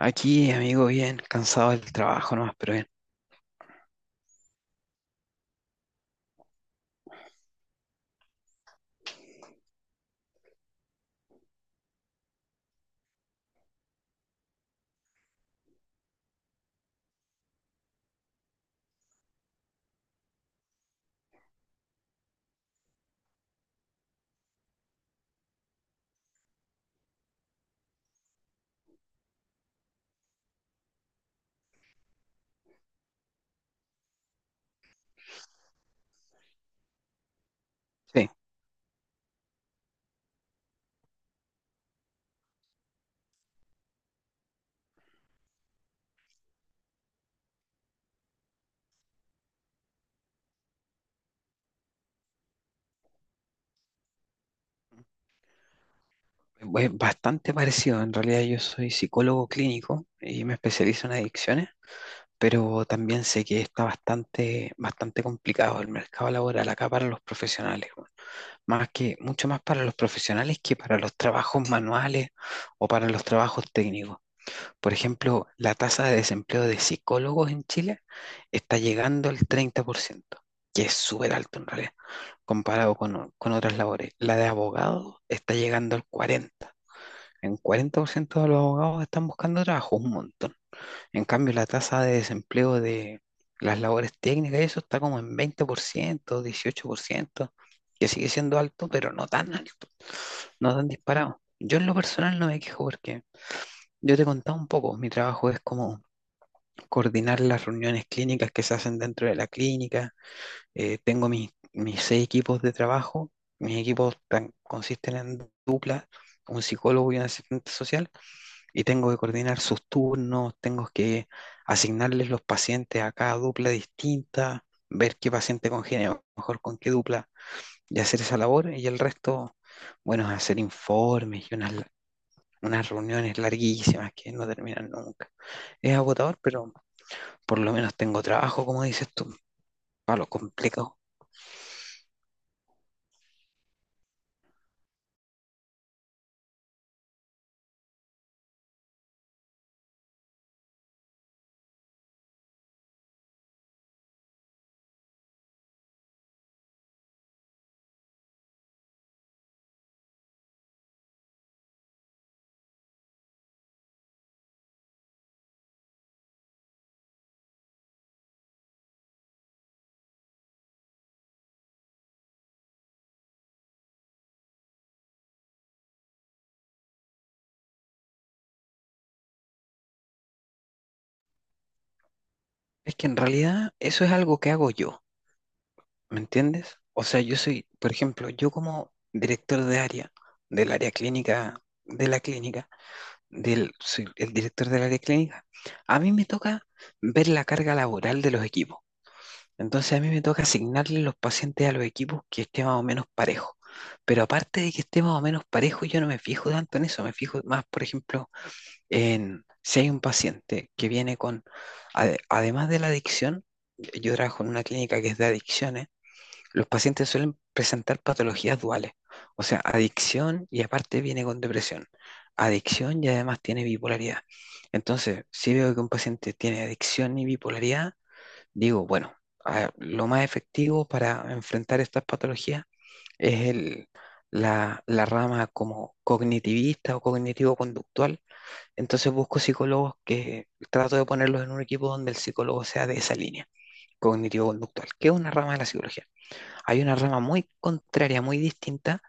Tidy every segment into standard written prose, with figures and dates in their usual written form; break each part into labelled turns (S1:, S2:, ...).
S1: Aquí, amigo, bien, cansado del trabajo nomás, pero bien. Sí, es bastante parecido. En realidad yo soy psicólogo clínico y me especializo en adicciones, pero también sé que está bastante, bastante complicado el mercado laboral acá para los profesionales. Mucho más para los profesionales que para los trabajos manuales o para los trabajos técnicos. Por ejemplo, la tasa de desempleo de psicólogos en Chile está llegando al 30%, que es súper alto en realidad, comparado con otras labores. La de abogados está llegando al 40%. En 40% de los abogados están buscando trabajo, un montón. En cambio, la tasa de desempleo de las labores técnicas y eso está como en 20%, 18%, que sigue siendo alto, pero no tan alto, no tan disparado. Yo en lo personal no me quejo porque yo te contaba un poco, mi trabajo es como coordinar las reuniones clínicas que se hacen dentro de la clínica. Tengo mis seis equipos de trabajo, mis consisten en dupla, un psicólogo y un asistente social, y tengo que coordinar sus turnos, tengo que asignarles los pacientes a cada dupla distinta, ver qué paciente congenia mejor con qué dupla y hacer esa labor. Y el resto, bueno, es hacer informes y unas reuniones larguísimas que no terminan nunca. Es agotador, pero por lo menos tengo trabajo, como dices tú, para lo complicado. Es que en realidad eso es algo que hago yo, ¿me entiendes? O sea, yo soy, por ejemplo, yo como director de área, del área clínica, de la clínica, del, soy el director del área clínica, a mí me toca ver la carga laboral de los equipos. Entonces a mí me toca asignarle los pacientes a los equipos que esté más o menos parejo. Pero aparte de que esté más o menos parejo, yo no me fijo tanto en eso, me fijo más, por ejemplo, en si hay un paciente que viene con, además de la adicción. Yo trabajo en una clínica que es de adicciones, los pacientes suelen presentar patologías duales, o sea, adicción y aparte viene con depresión. Adicción y además tiene bipolaridad. Entonces, si veo que un paciente tiene adicción y bipolaridad, digo, bueno, lo más efectivo para enfrentar estas patologías es la rama como cognitivista o cognitivo-conductual. Entonces busco psicólogos, que trato de ponerlos en un equipo donde el psicólogo sea de esa línea, cognitivo-conductual, que es una rama de la psicología. Hay una rama muy contraria, muy distinta,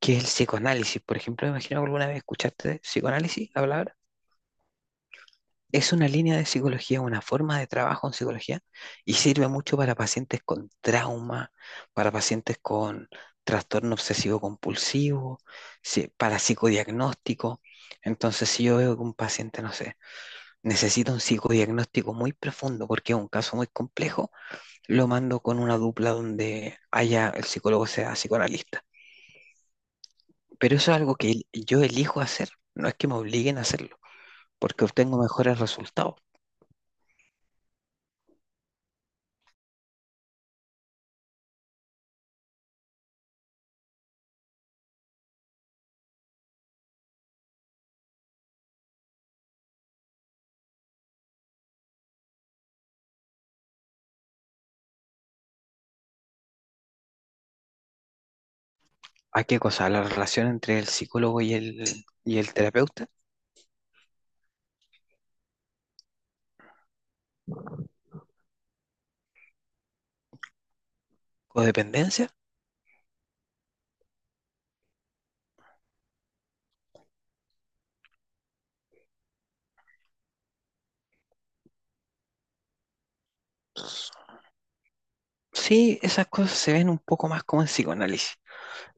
S1: que es el psicoanálisis. Por ejemplo, me imagino que alguna vez escuchaste de psicoanálisis, la palabra. Es una línea de psicología, una forma de trabajo en psicología, y sirve mucho para pacientes con trauma, para pacientes con trastorno obsesivo compulsivo, para psicodiagnóstico. Entonces, si yo veo que un paciente, no sé, necesita un psicodiagnóstico muy profundo porque es un caso muy complejo, lo mando con una dupla donde haya el psicólogo sea psicoanalista. Pero eso es algo que yo elijo hacer, no es que me obliguen a hacerlo, porque obtengo mejores resultados. ¿A qué cosa? ¿La relación entre el psicólogo y y el terapeuta? ¿Codependencia? Sí, esas cosas se ven un poco más como en psicoanálisis.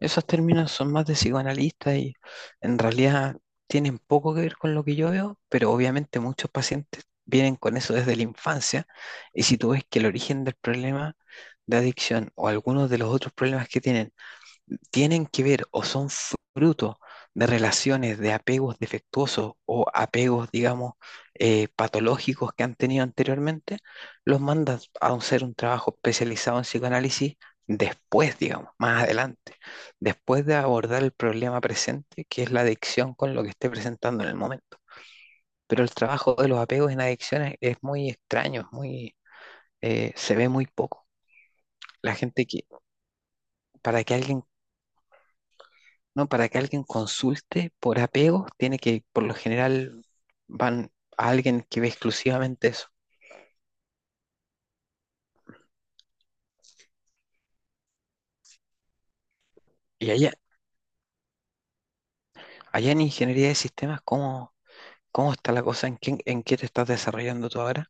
S1: Esos términos son más de psicoanalista y en realidad tienen poco que ver con lo que yo veo, pero obviamente muchos pacientes vienen con eso desde la infancia, y si tú ves que el origen del problema de adicción o algunos de los otros problemas que tienen tienen que ver o son fruto de relaciones de apegos defectuosos o apegos, digamos, patológicos que han tenido anteriormente, los mandas a hacer un trabajo especializado en psicoanálisis después, digamos, más adelante, después de abordar el problema presente, que es la adicción con lo que esté presentando en el momento. Pero el trabajo de los apegos en adicciones es muy extraño, es muy, se ve muy poco. La gente que, para que alguien No, para que alguien consulte por apego, tiene que, por lo general, van a alguien que ve exclusivamente eso. Y allá en ingeniería de sistemas, ¿cómo está la cosa? ¿En qué te estás desarrollando tú ahora?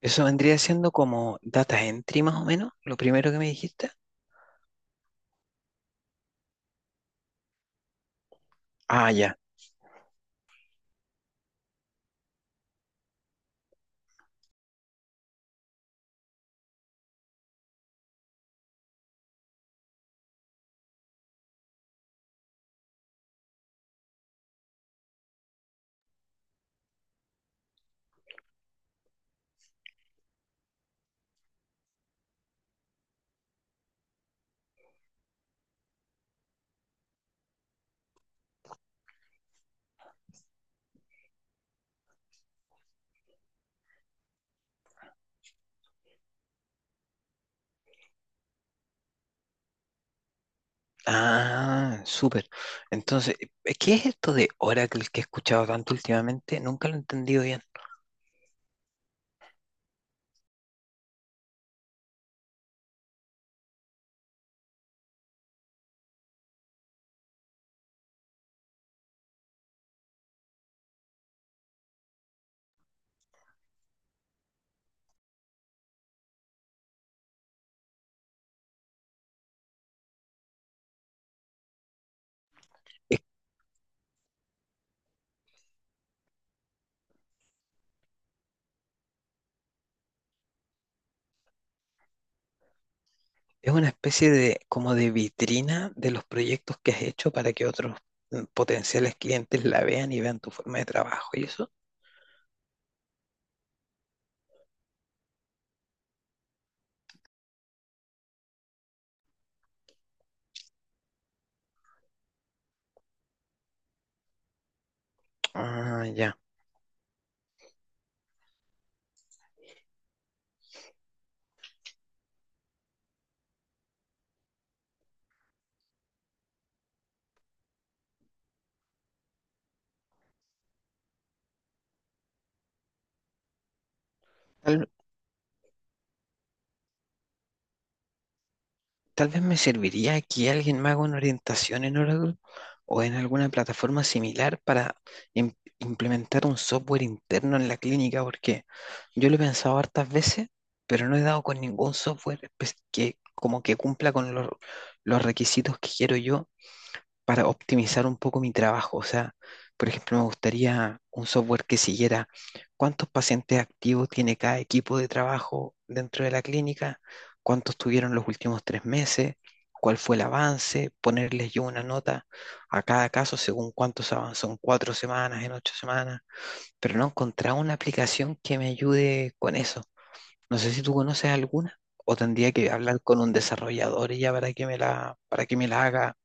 S1: Eso vendría siendo como data entry más o menos, lo primero que me dijiste. Ah, ya. Ah, súper. Entonces, ¿qué es esto de Oracle que he escuchado tanto últimamente? Nunca lo he entendido bien. Es Es una especie de como de vitrina de los proyectos que has hecho para que otros mm, potenciales clientes la vean y vean tu forma de trabajo y eso. Ah, ya. Tal, tal vez me serviría que alguien me haga una orientación en Oracle o en alguna plataforma similar para implementar un software interno en la clínica, porque yo lo he pensado hartas veces, pero no he dado con ningún software que como que cumpla con los requisitos que quiero yo para optimizar un poco mi trabajo. O sea, por ejemplo, me gustaría un software que siguiera cuántos pacientes activos tiene cada equipo de trabajo dentro de la clínica, cuántos tuvieron los últimos 3 meses, cuál fue el avance, ponerles yo una nota a cada caso según cuántos avanzó en 4 semanas, en 8 semanas, pero no he encontrado una aplicación que me ayude con eso. No sé si tú conoces alguna. O tendría que hablar con un desarrollador ya para que me la haga.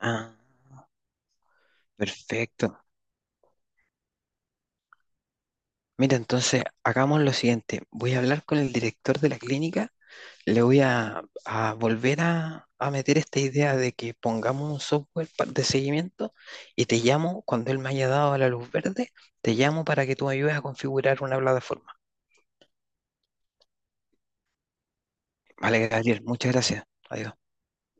S1: Ah, perfecto. Mira, entonces hagamos lo siguiente. Voy a hablar con el director de la clínica. Le voy a volver a meter esta idea de que pongamos un software de seguimiento, y te llamo cuando él me haya dado la luz verde. Te llamo para que tú me ayudes a configurar una plataforma. Vale, Gabriel, muchas gracias. Adiós.